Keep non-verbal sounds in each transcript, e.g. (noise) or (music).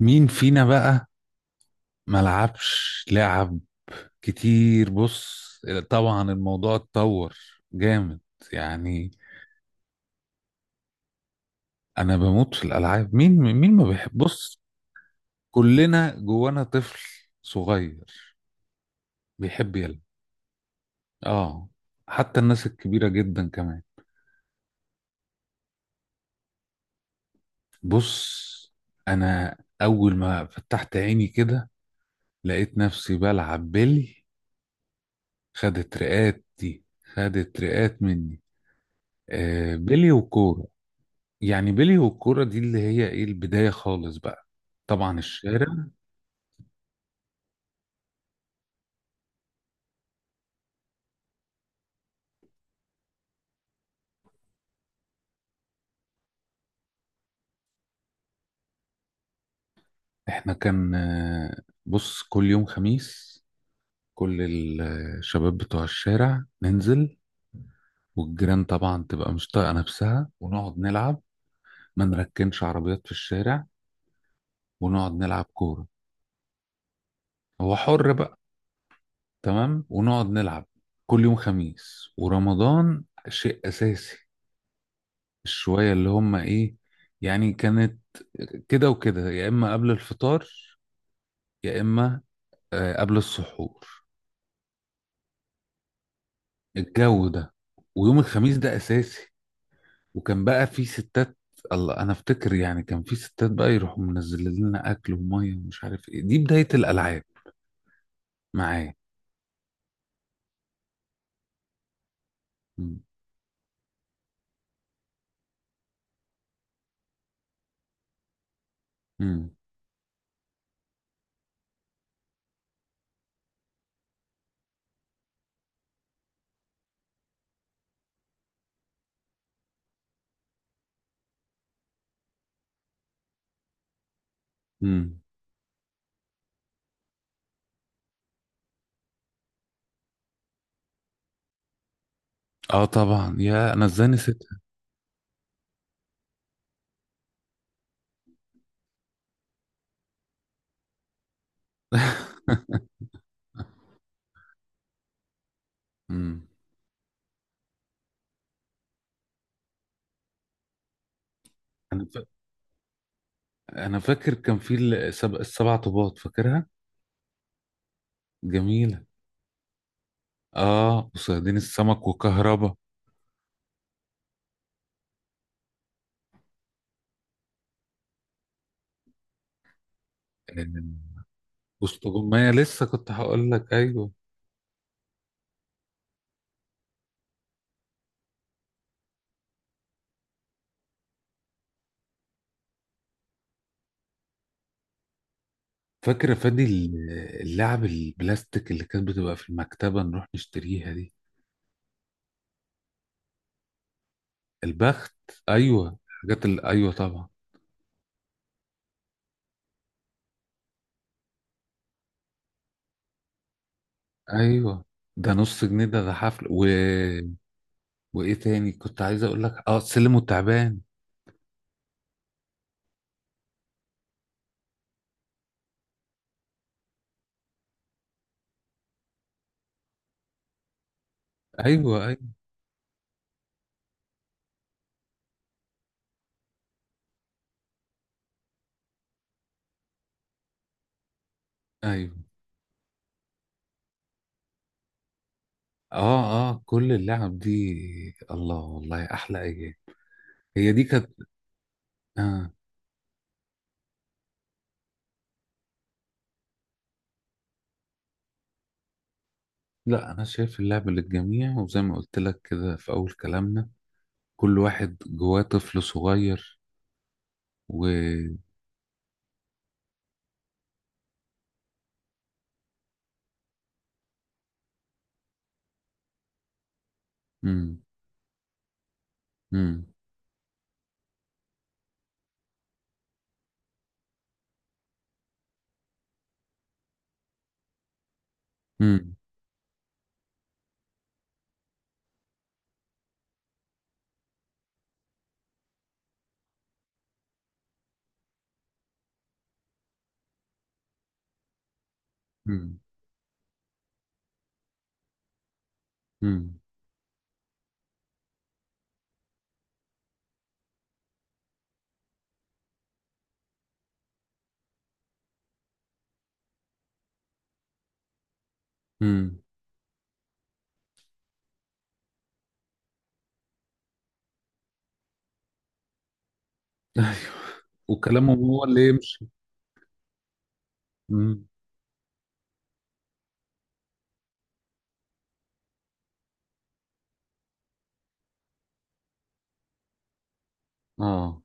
مين فينا بقى ملعبش لعب كتير؟ بص، طبعا الموضوع اتطور جامد يعني. انا بموت في الالعاب. مين ما بيحب؟ بص، كلنا جوانا طفل صغير بيحب يلعب. اه، حتى الناس الكبيرة جدا كمان. بص، انا اول ما فتحت عيني كده لقيت نفسي بلعب بيلي. خدت رقات دي، خدت رقات مني. آه، بيلي وكورة، يعني بيلي والكورة دي اللي هي ايه البداية خالص بقى. طبعا الشارع. احنا كان بص، كل يوم خميس كل الشباب بتوع الشارع ننزل، والجيران طبعا تبقى مش طايقة نفسها، ونقعد نلعب. ما نركنش عربيات في الشارع، ونقعد نلعب كورة. هو حر بقى. تمام، ونقعد نلعب. كل يوم خميس ورمضان شيء أساسي. الشوية اللي هم ايه، يعني كانت كده وكده، يا إما قبل الفطار يا اما قبل السحور. الجو ده، ويوم الخميس ده اساسي. وكان بقى في ستات. الله، انا افتكر يعني كان في ستات بقى يروحوا منزلين لنا اكل وميه ومش عارف ايه. دي بدايه الالعاب معايا. مم. مم. مم. اه طبعا، يا انا ازاي نسيتها! (laughs) مم. انا ف... انا فاكر كان في السبع طوبات فاكرها. جميله. اه، وصيادين السمك وكهربا. آه، وسط جمية. لسه كنت هقول لك، ايوه، فاكرة اللعب البلاستيك اللي كانت بتبقى في المكتبة نروح نشتريها دي. البخت، أيوة حاجات. أيوة طبعا. أيوة، ده نص جنيه. ده حفل. وإيه تاني كنت عايز أقول لك؟ سلم والتعبان. أيوة، أيوة، أيوة. أه، أه، كل اللعب دي، الله، والله أحلى أيام. هي دي كانت. آه. لا، أنا شايف اللعب للجميع، وزي ما قلت لك كده في أول كلامنا، كل واحد جواه طفل صغير. و مم. مم. امم. امم. امم. امم. ايوه، وكلامهم هو اللي يمشي. امم. اه.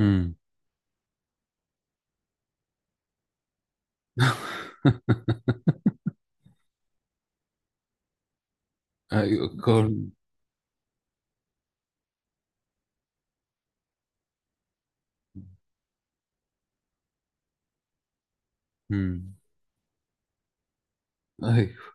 امم. ايوه، كارل. امم. ايوه.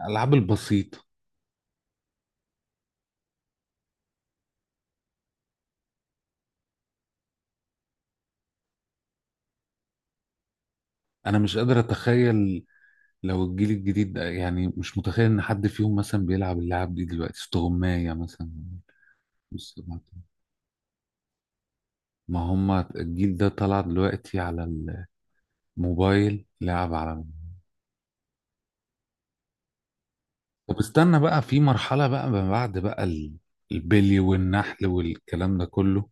الالعاب البسيطه. انا مش قادر اتخيل لو الجيل الجديد ده، يعني مش متخيل ان حد فيهم مثلا بيلعب اللعب دي دلوقتي، استغماية مثلا. بص، ما هم الجيل ده طلع دلوقتي على الموبايل، لعب على الموبايل. طب استنى بقى، في مرحلة بقى ما بعد بقى البلي والنحل والكلام ده كله.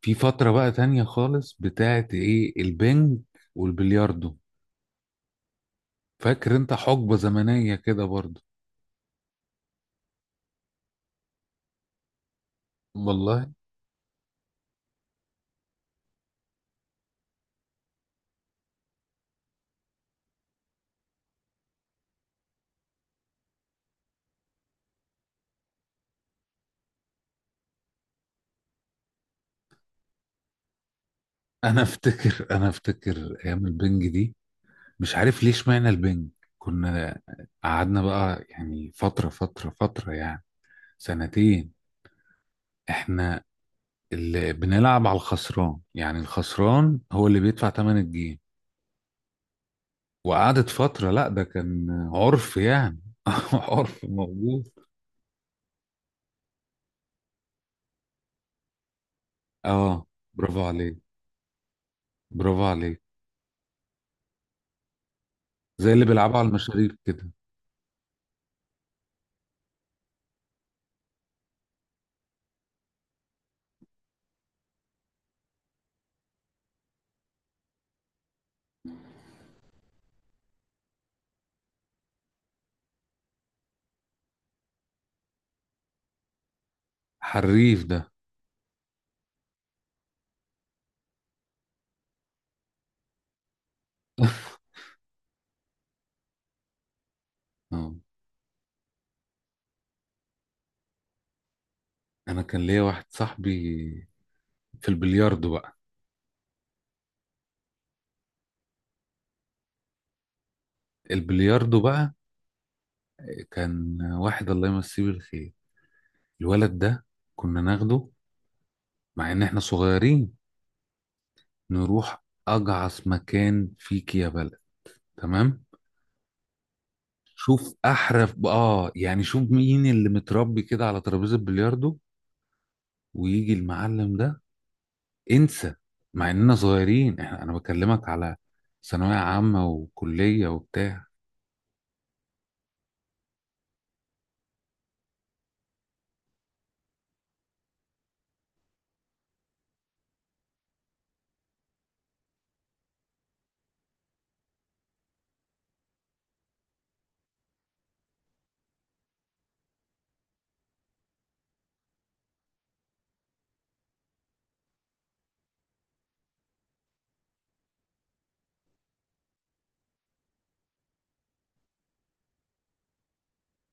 في فترة بقى تانية خالص بتاعت ايه، البنج والبلياردو. فاكر انت حقبة زمنية كده برضو؟ والله انا (laughs) انا افتكر ايام البنج دي. مش عارف ليش معنى البنج. كنا قعدنا بقى يعني فترة فترة فترة يعني سنتين. احنا اللي بنلعب على الخسران، يعني الخسران هو اللي بيدفع تمن الجيم. وقعدت فترة. لا، ده كان عرف يعني. (laughs) عرف موجود. اه. برافو عليك، برافو عليك. زي اللي بيلعبوا على المشاريب كده. حريف ده. (laughs) اه، انا كان ليا واحد صاحبي في البلياردو بقى. البلياردو بقى، كان واحد الله يمسيه بالخير، الولد ده كنا ناخده، مع ان احنا صغيرين، نروح اجعص مكان فيك يا بلد. تمام. شوف احرف، يعني شوف مين اللي متربي كده على ترابيزه البلياردو، ويجي المعلم ده، انسى! مع اننا صغيرين، انا بكلمك على ثانوية عامة وكلية وبتاع.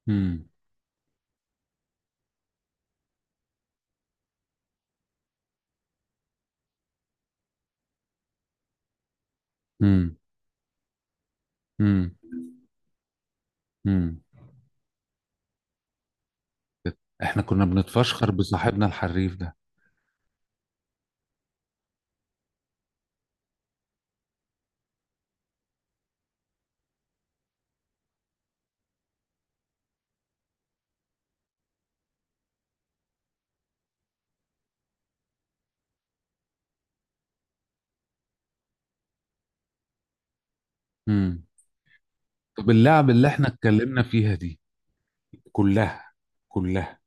امم. امم. امم. امم. احنا كنا بنتفشخر بصاحبنا الحريف ده. امم. طب، اللعب اللي احنا اتكلمنا فيها دي، كلها كلها،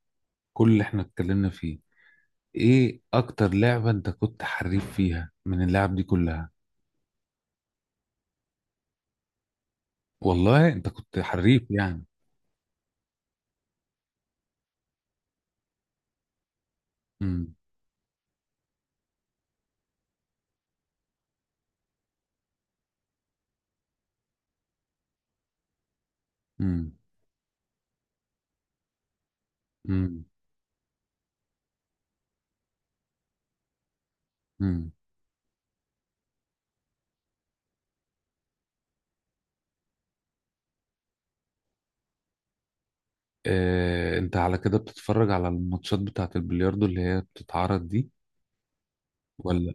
كل اللي احنا اتكلمنا فيه، ايه اكتر لعبة انت كنت حريف فيها من اللعب دي كلها؟ والله، انت كنت حريف يعني؟ امم. امم. امم. آه، انت على كده بتتفرج على الماتشات بتاعة البلياردو اللي هي بتتعرض دي؟ ولا.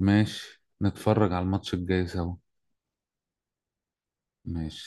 ماشي، نتفرج على الماتش الجاي سوا. ماشي.